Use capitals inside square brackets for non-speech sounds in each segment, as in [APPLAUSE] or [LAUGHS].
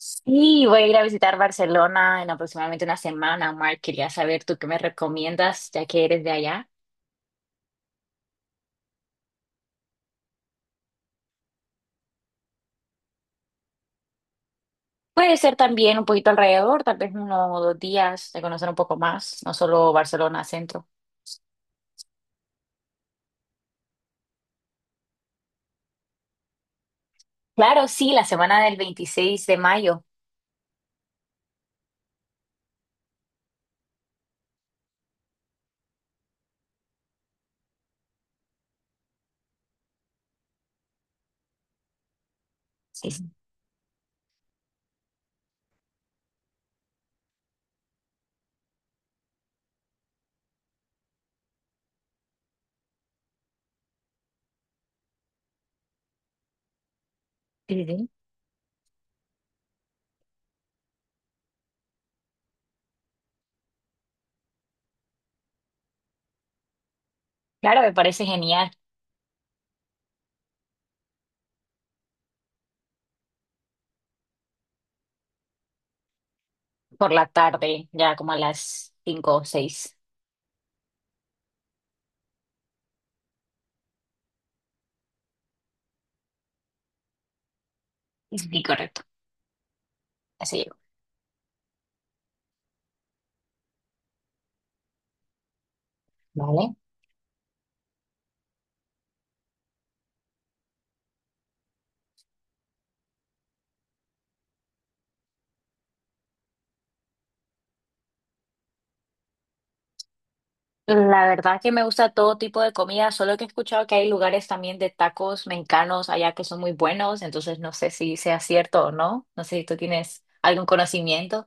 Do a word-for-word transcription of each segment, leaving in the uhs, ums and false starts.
Sí, voy a ir a visitar Barcelona en aproximadamente una semana, Mark. Quería saber tú qué me recomiendas, ya que eres de allá. Puede ser también un poquito alrededor, tal vez uno o dos días de conocer un poco más, no solo Barcelona centro. Claro, sí, la semana del veintiséis de mayo. Sí, sí, sí, sí. Claro, me parece genial. Por la tarde, ya como a las cinco o seis. Sí, correcto. Así llego. La verdad que me gusta todo tipo de comida, solo que he escuchado que hay lugares también de tacos mexicanos allá que son muy buenos, entonces no sé si sea cierto o no, no sé si tú tienes algún conocimiento.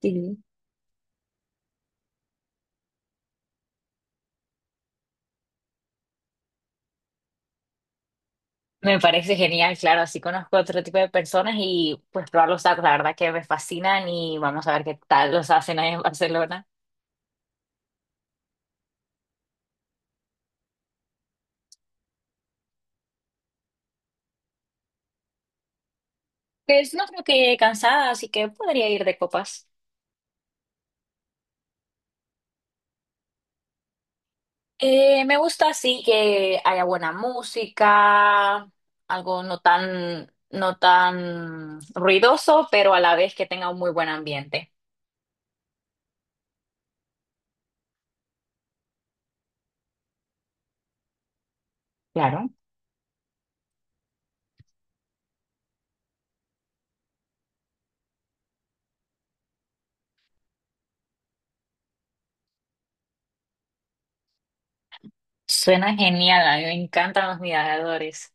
Sí. Me parece genial, claro, así conozco otro tipo de personas y pues probar los tacos, la verdad que me fascinan y vamos a ver qué tal los hacen ahí en Barcelona. Pues no creo que llegue cansada, así que podría ir de copas. Eh, me gusta así que haya buena música, algo no tan, no tan ruidoso, pero a la vez que tenga un muy buen ambiente. Claro. Suena genial, a mí me encantan los miradores.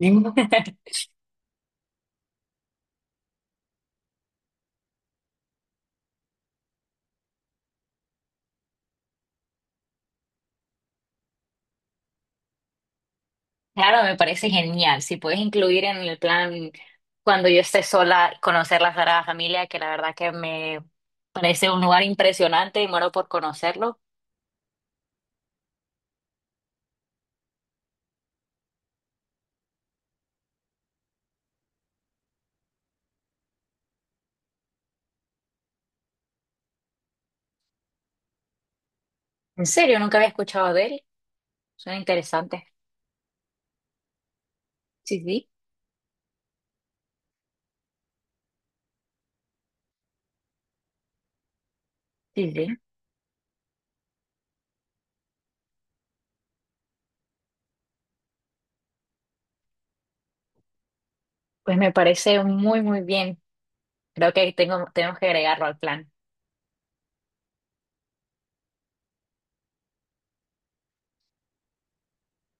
Mm. [LAUGHS] Claro, me parece genial. Si puedes incluir en el plan cuando yo esté sola, conocer la Sagrada Familia, que la verdad que me parece un lugar impresionante y muero por conocerlo. En serio, nunca había escuchado de él. Suena interesante. Sí, sí, sí, sí. Pues me parece muy, muy bien. Creo que tengo, tenemos que agregarlo al plan.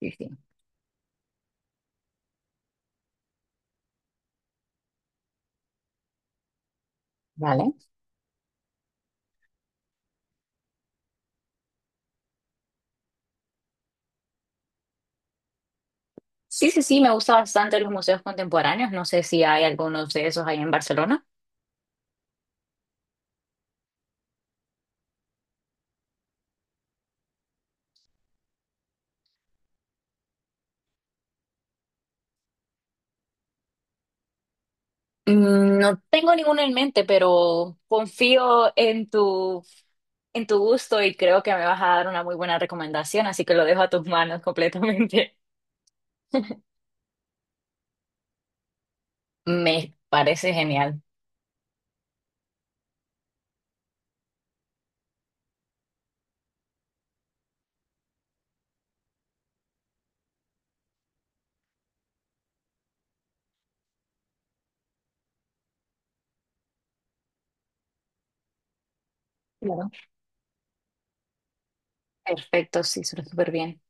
Sí, sí. Vale. Sí, sí, sí, me gusta bastante los museos contemporáneos. No sé si hay algunos de esos ahí en Barcelona. Mm, No tengo ninguno en mente, pero confío en tu, en tu gusto y creo que me vas a dar una muy buena recomendación, así que lo dejo a tus manos completamente. [LAUGHS] Me parece genial. Claro. Perfecto, sí, suena súper bien.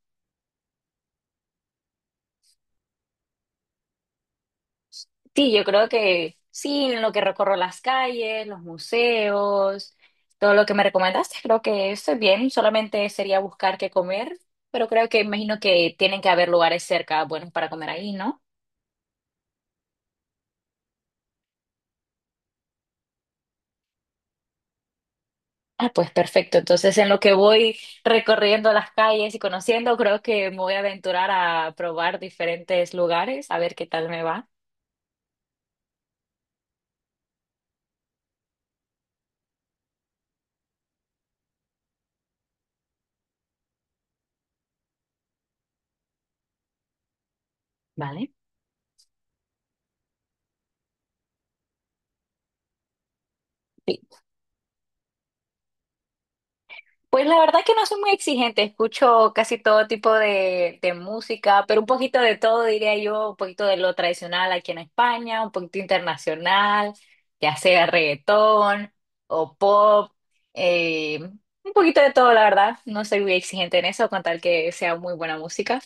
Sí, yo creo que sí, en lo que recorro las calles, los museos, todo lo que me recomendaste, creo que estoy bien. Solamente sería buscar qué comer, pero creo que imagino que tienen que haber lugares cerca buenos para comer ahí, ¿no? Ah, pues perfecto. Entonces, en lo que voy recorriendo las calles y conociendo, creo que me voy a aventurar a probar diferentes lugares, a ver qué tal me va. Vale. Sí. Pues la verdad que no soy muy exigente, escucho casi todo tipo de, de música, pero un poquito de todo, diría yo, un poquito de lo tradicional aquí en España, un poquito internacional, ya sea reggaetón o pop, eh, un poquito de todo, la verdad, no soy muy exigente en eso, con tal que sea muy buena música.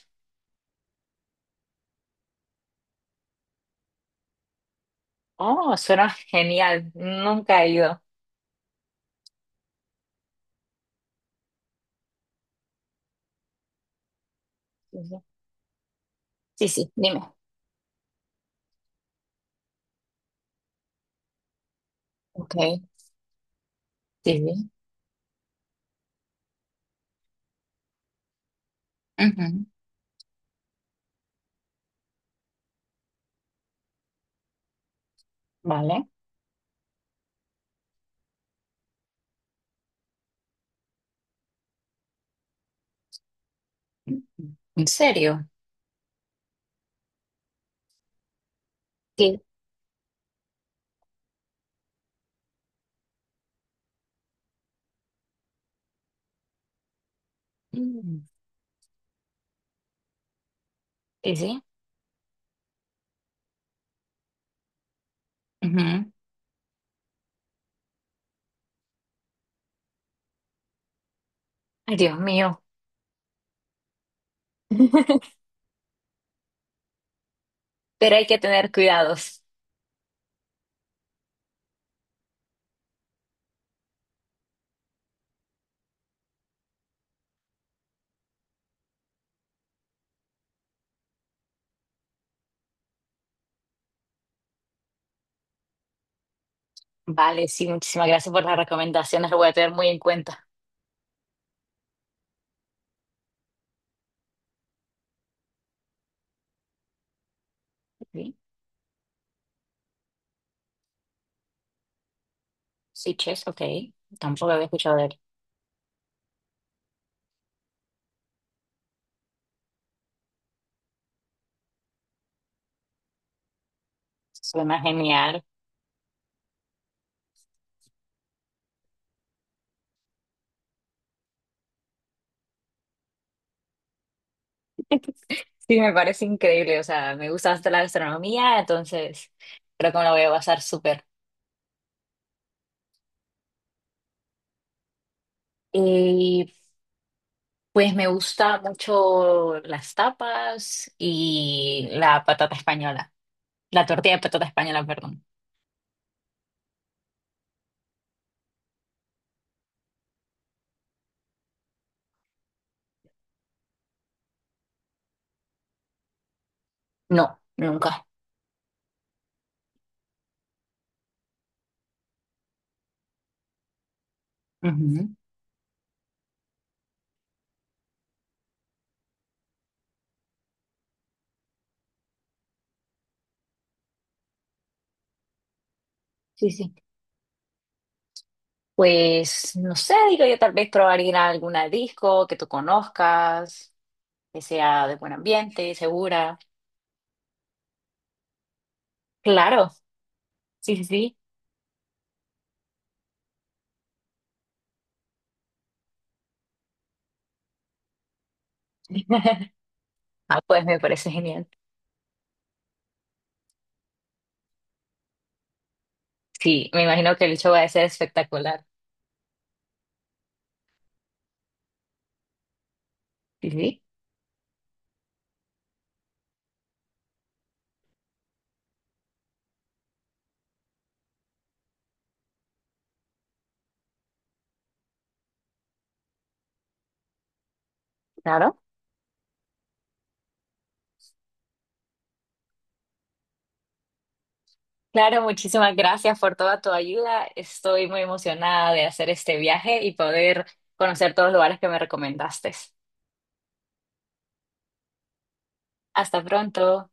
Oh, suena genial, nunca he ido. Ujú. Sí, sí, dime. Ok, sí, sí. Ujú. Vale. ¿En serio? Sí. Mm. Sí, sí. Ujú. Ay, Dios mío. [LAUGHS] Pero hay que tener cuidados. Vale, sí, muchísimas gracias por las recomendaciones. Lo voy a tener muy en cuenta. Sí, sí, chess, ok. Tampoco había escuchado de él. Suena genial. [LAUGHS] Sí, me parece increíble. O sea, me gusta hasta la gastronomía, entonces creo que me lo voy a basar súper. Y pues me gusta mucho las tapas y la patata española. La tortilla de patata española, perdón. No, nunca. Ujú. Sí, sí. Pues no sé, digo yo, tal vez probar ir a alguna disco que tú conozcas, que sea de buen ambiente, segura. Claro, sí, sí, sí. [LAUGHS] Ah, pues me parece genial. Sí, me imagino que el show va a ser espectacular. Sí, sí, claro. Claro, muchísimas gracias por toda tu ayuda. Estoy muy emocionada de hacer este viaje y poder conocer todos los lugares que me recomendaste. Hasta pronto.